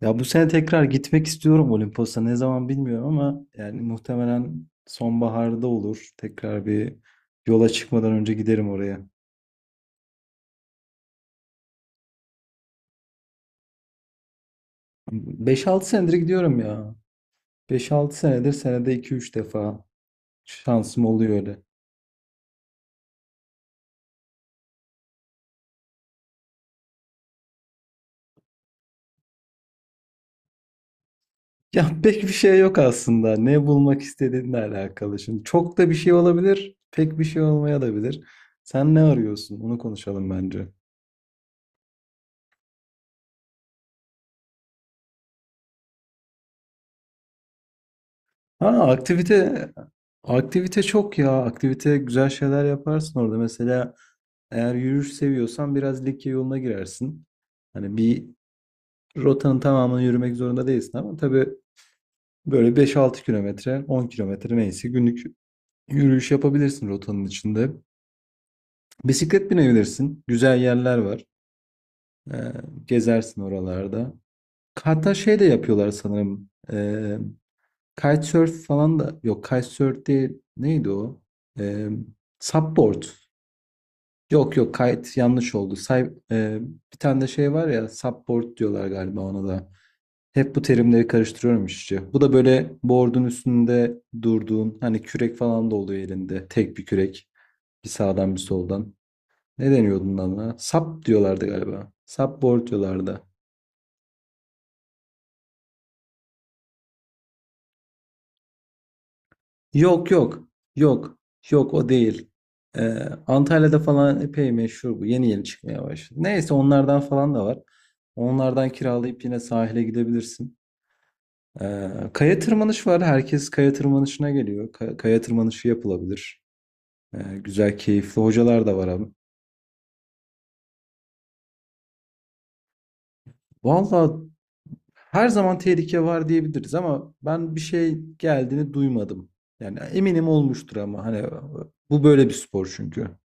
Ya bu sene tekrar gitmek istiyorum Olimpos'a. Ne zaman bilmiyorum ama yani muhtemelen sonbaharda olur. Tekrar bir yola çıkmadan önce giderim oraya. 5-6 senedir gidiyorum ya. 5-6 senedir senede 2-3 defa şansım oluyor öyle. Ya pek bir şey yok aslında. Ne bulmak istediğinle alakalı. Şimdi çok da bir şey olabilir, pek bir şey olmaya da bilir. Sen ne arıyorsun? Onu konuşalım bence. Ha aktivite aktivite çok ya. Aktivite güzel şeyler yaparsın orada. Mesela eğer yürüyüş seviyorsan biraz Likya yoluna girersin. Hani bir rotanın tamamını yürümek zorunda değilsin ama tabii böyle 5-6 kilometre, 10 kilometre neyse günlük yürüyüş yapabilirsin rotanın içinde. Bisiklet binebilirsin. Güzel yerler var. Ee, Gezersin oralarda. Hatta şey de yapıyorlar sanırım. Kitesurf falan da yok. Kitesurf değil. Neydi o? Ee, Subboard. Yok yok kite yanlış oldu. Bir tane de şey var ya subboard diyorlar galiba ona da. Hep bu terimleri karıştırıyorum işte. Bu da böyle board'un üstünde durduğun hani kürek falan da oluyor elinde. Tek bir kürek. Bir sağdan bir soldan. Ne deniyordu bundan? Sap diyorlardı galiba. Subboard diyorlardı. Yok yok. Yok. Yok o değil. Ee, Antalya'da falan epey meşhur bu. Yeni yeni çıkmaya başladı. Neyse onlardan falan da var. Onlardan kiralayıp yine sahile gidebilirsin. Kaya tırmanış var. Herkes kaya tırmanışına geliyor. Kaya tırmanışı yapılabilir. Ee, Güzel, keyifli hocalar da var abi. Valla her zaman tehlike var diyebiliriz ama ben bir şey geldiğini duymadım. Yani eminim olmuştur ama hani bu böyle bir spor çünkü.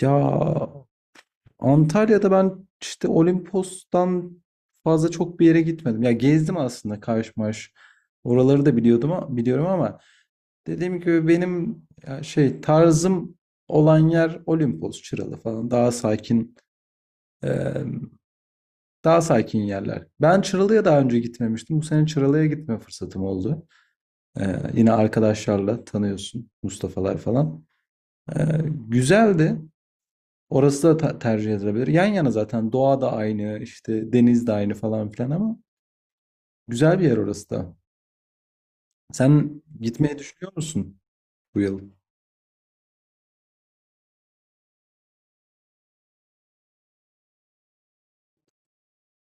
Ya Antalya'da ben işte Olimpos'tan fazla çok bir yere gitmedim. Ya gezdim aslında Kaş Maş. Oraları da biliyordum biliyorum ama dediğim gibi benim ya şey tarzım olan yer Olimpos, Çıralı falan e, daha sakin yerler. Ben Çıralı'ya daha önce gitmemiştim. Bu sene Çıralı'ya gitme fırsatım oldu. E, Yine arkadaşlarla tanıyorsun Mustafa'lar falan. E, Güzeldi. Orası da tercih edilebilir. Yan yana zaten doğa da aynı, işte deniz de aynı falan filan ama güzel bir yer orası da. Sen gitmeyi düşünüyor musun bu yıl?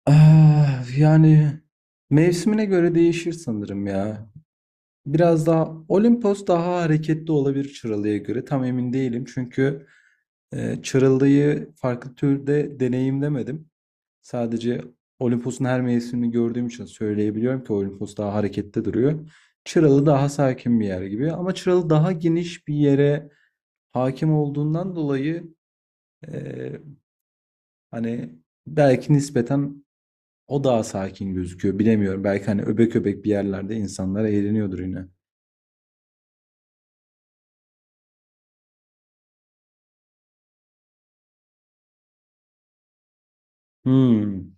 Ah, yani mevsimine göre değişir sanırım ya. Biraz daha Olimpos daha hareketli olabilir Çıralı'ya göre. Tam emin değilim çünkü çırıldığı farklı türde deneyimlemedim. Sadece Olimpos'un her mevsimini gördüğüm için söyleyebiliyorum ki Olimpos daha harekette duruyor. Çıralı daha sakin bir yer gibi ama Çıralı daha geniş bir yere hakim olduğundan dolayı e, hani belki nispeten o daha sakin gözüküyor. Bilemiyorum. Belki hani öbek öbek bir yerlerde insanlar eğleniyordur yine. Hmm.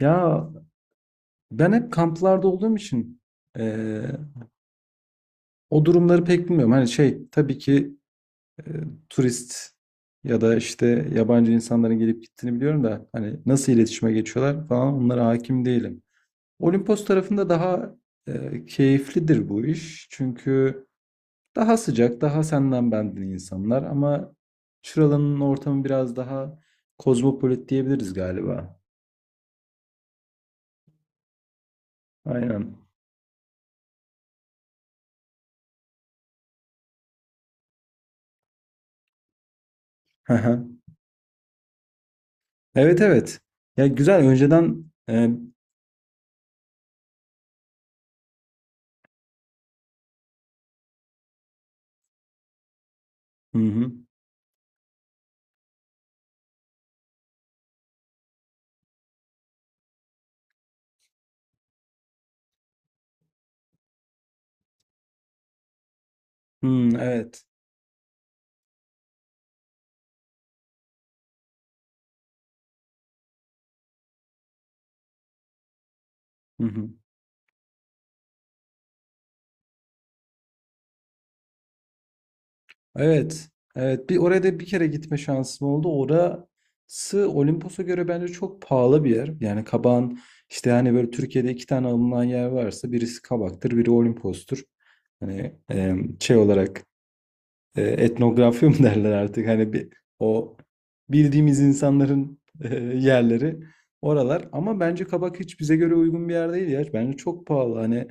Ya ben hep kamplarda olduğum için e, o durumları pek bilmiyorum. Hani şey tabii ki e, turist ya da işte yabancı insanların gelip gittiğini biliyorum da hani nasıl iletişime geçiyorlar falan onlara hakim değilim. Olimpos tarafında daha keyiflidir bu iş. Çünkü daha sıcak, daha senden benden insanlar ama Çıralı'nın ortamı biraz daha kozmopolit diyebiliriz galiba. Aynen. Haha. Evet evet. Ya güzel önceden hı hı. Hı, evet. Evet. Evet. Bir oraya da bir kere gitme şansım oldu. Orası Olimpos'a göre bence çok pahalı bir yer. Yani Kabak'ın işte hani böyle Türkiye'de iki tane alınan yer varsa birisi Kabak'tır, biri Olimpos'tur. Hani şey olarak etnografya mı derler artık hani bir o bildiğimiz insanların yerleri oralar ama bence Kabak hiç bize göre uygun bir yer değil ya. Bence çok pahalı. Hani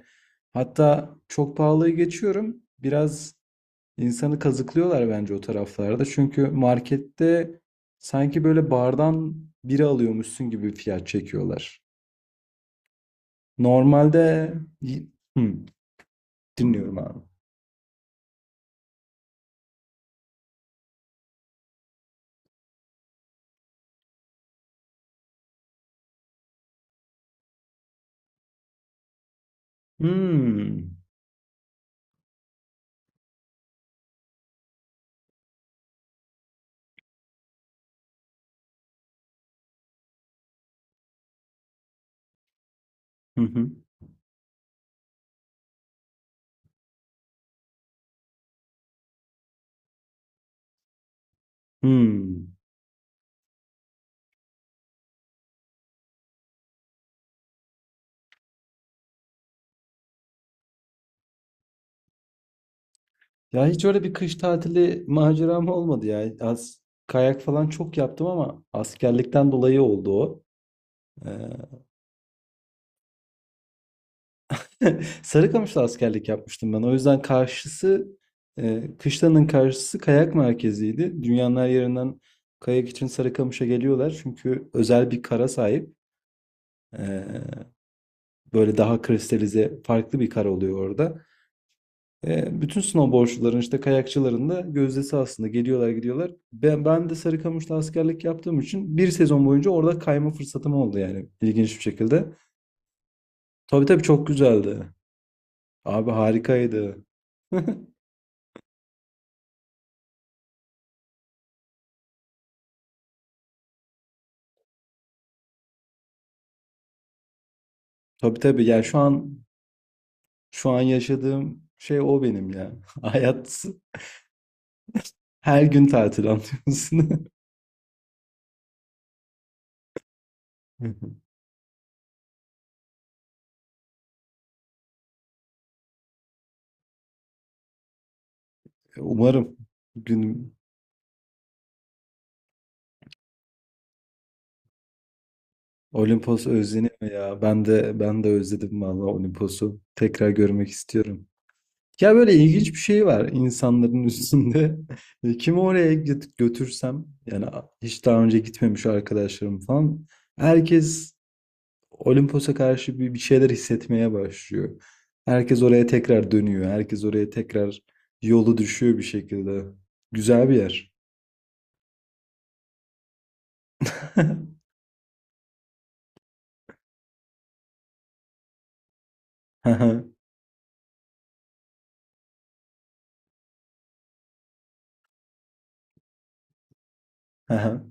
hatta çok pahalıyı geçiyorum. Biraz İnsanı kazıklıyorlar bence o taraflarda. Çünkü markette sanki böyle bardan biri alıyormuşsun gibi fiyat çekiyorlar. Normalde Hmm, dinliyorum abi. Hmm. Hı hı. Hmm. Ya hiç öyle bir kış tatili maceram olmadı ya. Az kayak falan çok yaptım ama askerlikten dolayı oldu o. Ee, Sarıkamış'ta askerlik yapmıştım ben. O yüzden kışlanın karşısı kayak merkeziydi. Dünyanın her yerinden kayak için Sarıkamış'a geliyorlar. Çünkü özel bir kara sahip. E, Böyle daha kristalize farklı bir kar oluyor orada. Bütün snowboardçuların işte kayakçıların da gözdesi aslında geliyorlar gidiyorlar. Ben de Sarıkamış'ta askerlik yaptığım için bir sezon boyunca orada kayma fırsatım oldu yani ilginç bir şekilde. Tabii tabii çok güzeldi. Abi harikaydı. Tabii tabii ya şu an yaşadığım şey o benim ya. Hayat her gün tatil anlıyorsun. Umarım gün Olimpos özleniyor ya. Ben de özledim vallahi Olimpos'u. Tekrar görmek istiyorum. Ya böyle ilginç bir şey var insanların üstünde. Kimi oraya götürsem yani hiç daha önce gitmemiş arkadaşlarım falan herkes Olimpos'a karşı bir şeyler hissetmeye başlıyor. Herkes oraya tekrar dönüyor. Herkes oraya tekrar yolu düşüyor bir şekilde. Güzel bir yer. Aha, aha.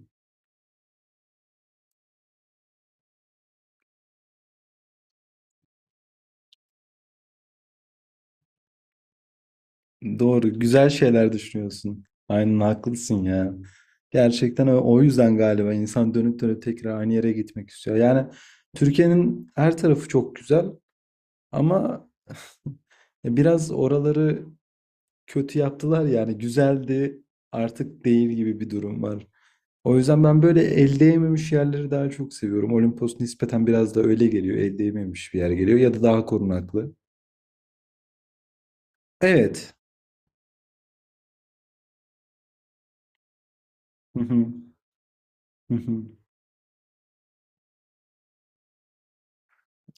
Doğru, güzel şeyler düşünüyorsun. Aynen haklısın ya. Gerçekten o yüzden galiba insan dönüp dönüp tekrar aynı yere gitmek istiyor. Yani Türkiye'nin her tarafı çok güzel ama biraz oraları kötü yaptılar yani güzeldi artık değil gibi bir durum var. O yüzden ben böyle el değmemiş yerleri daha çok seviyorum. Olimpos nispeten biraz da öyle geliyor. El değmemiş bir yer geliyor ya da daha korunaklı. Evet. Hı hı. Hı hı.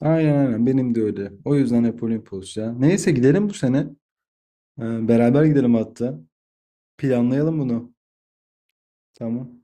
Aynen aynen benim de öyle. O yüzden hep Olimpos ya. Neyse gidelim bu sene. Beraber gidelim hatta. Planlayalım bunu. Tamam.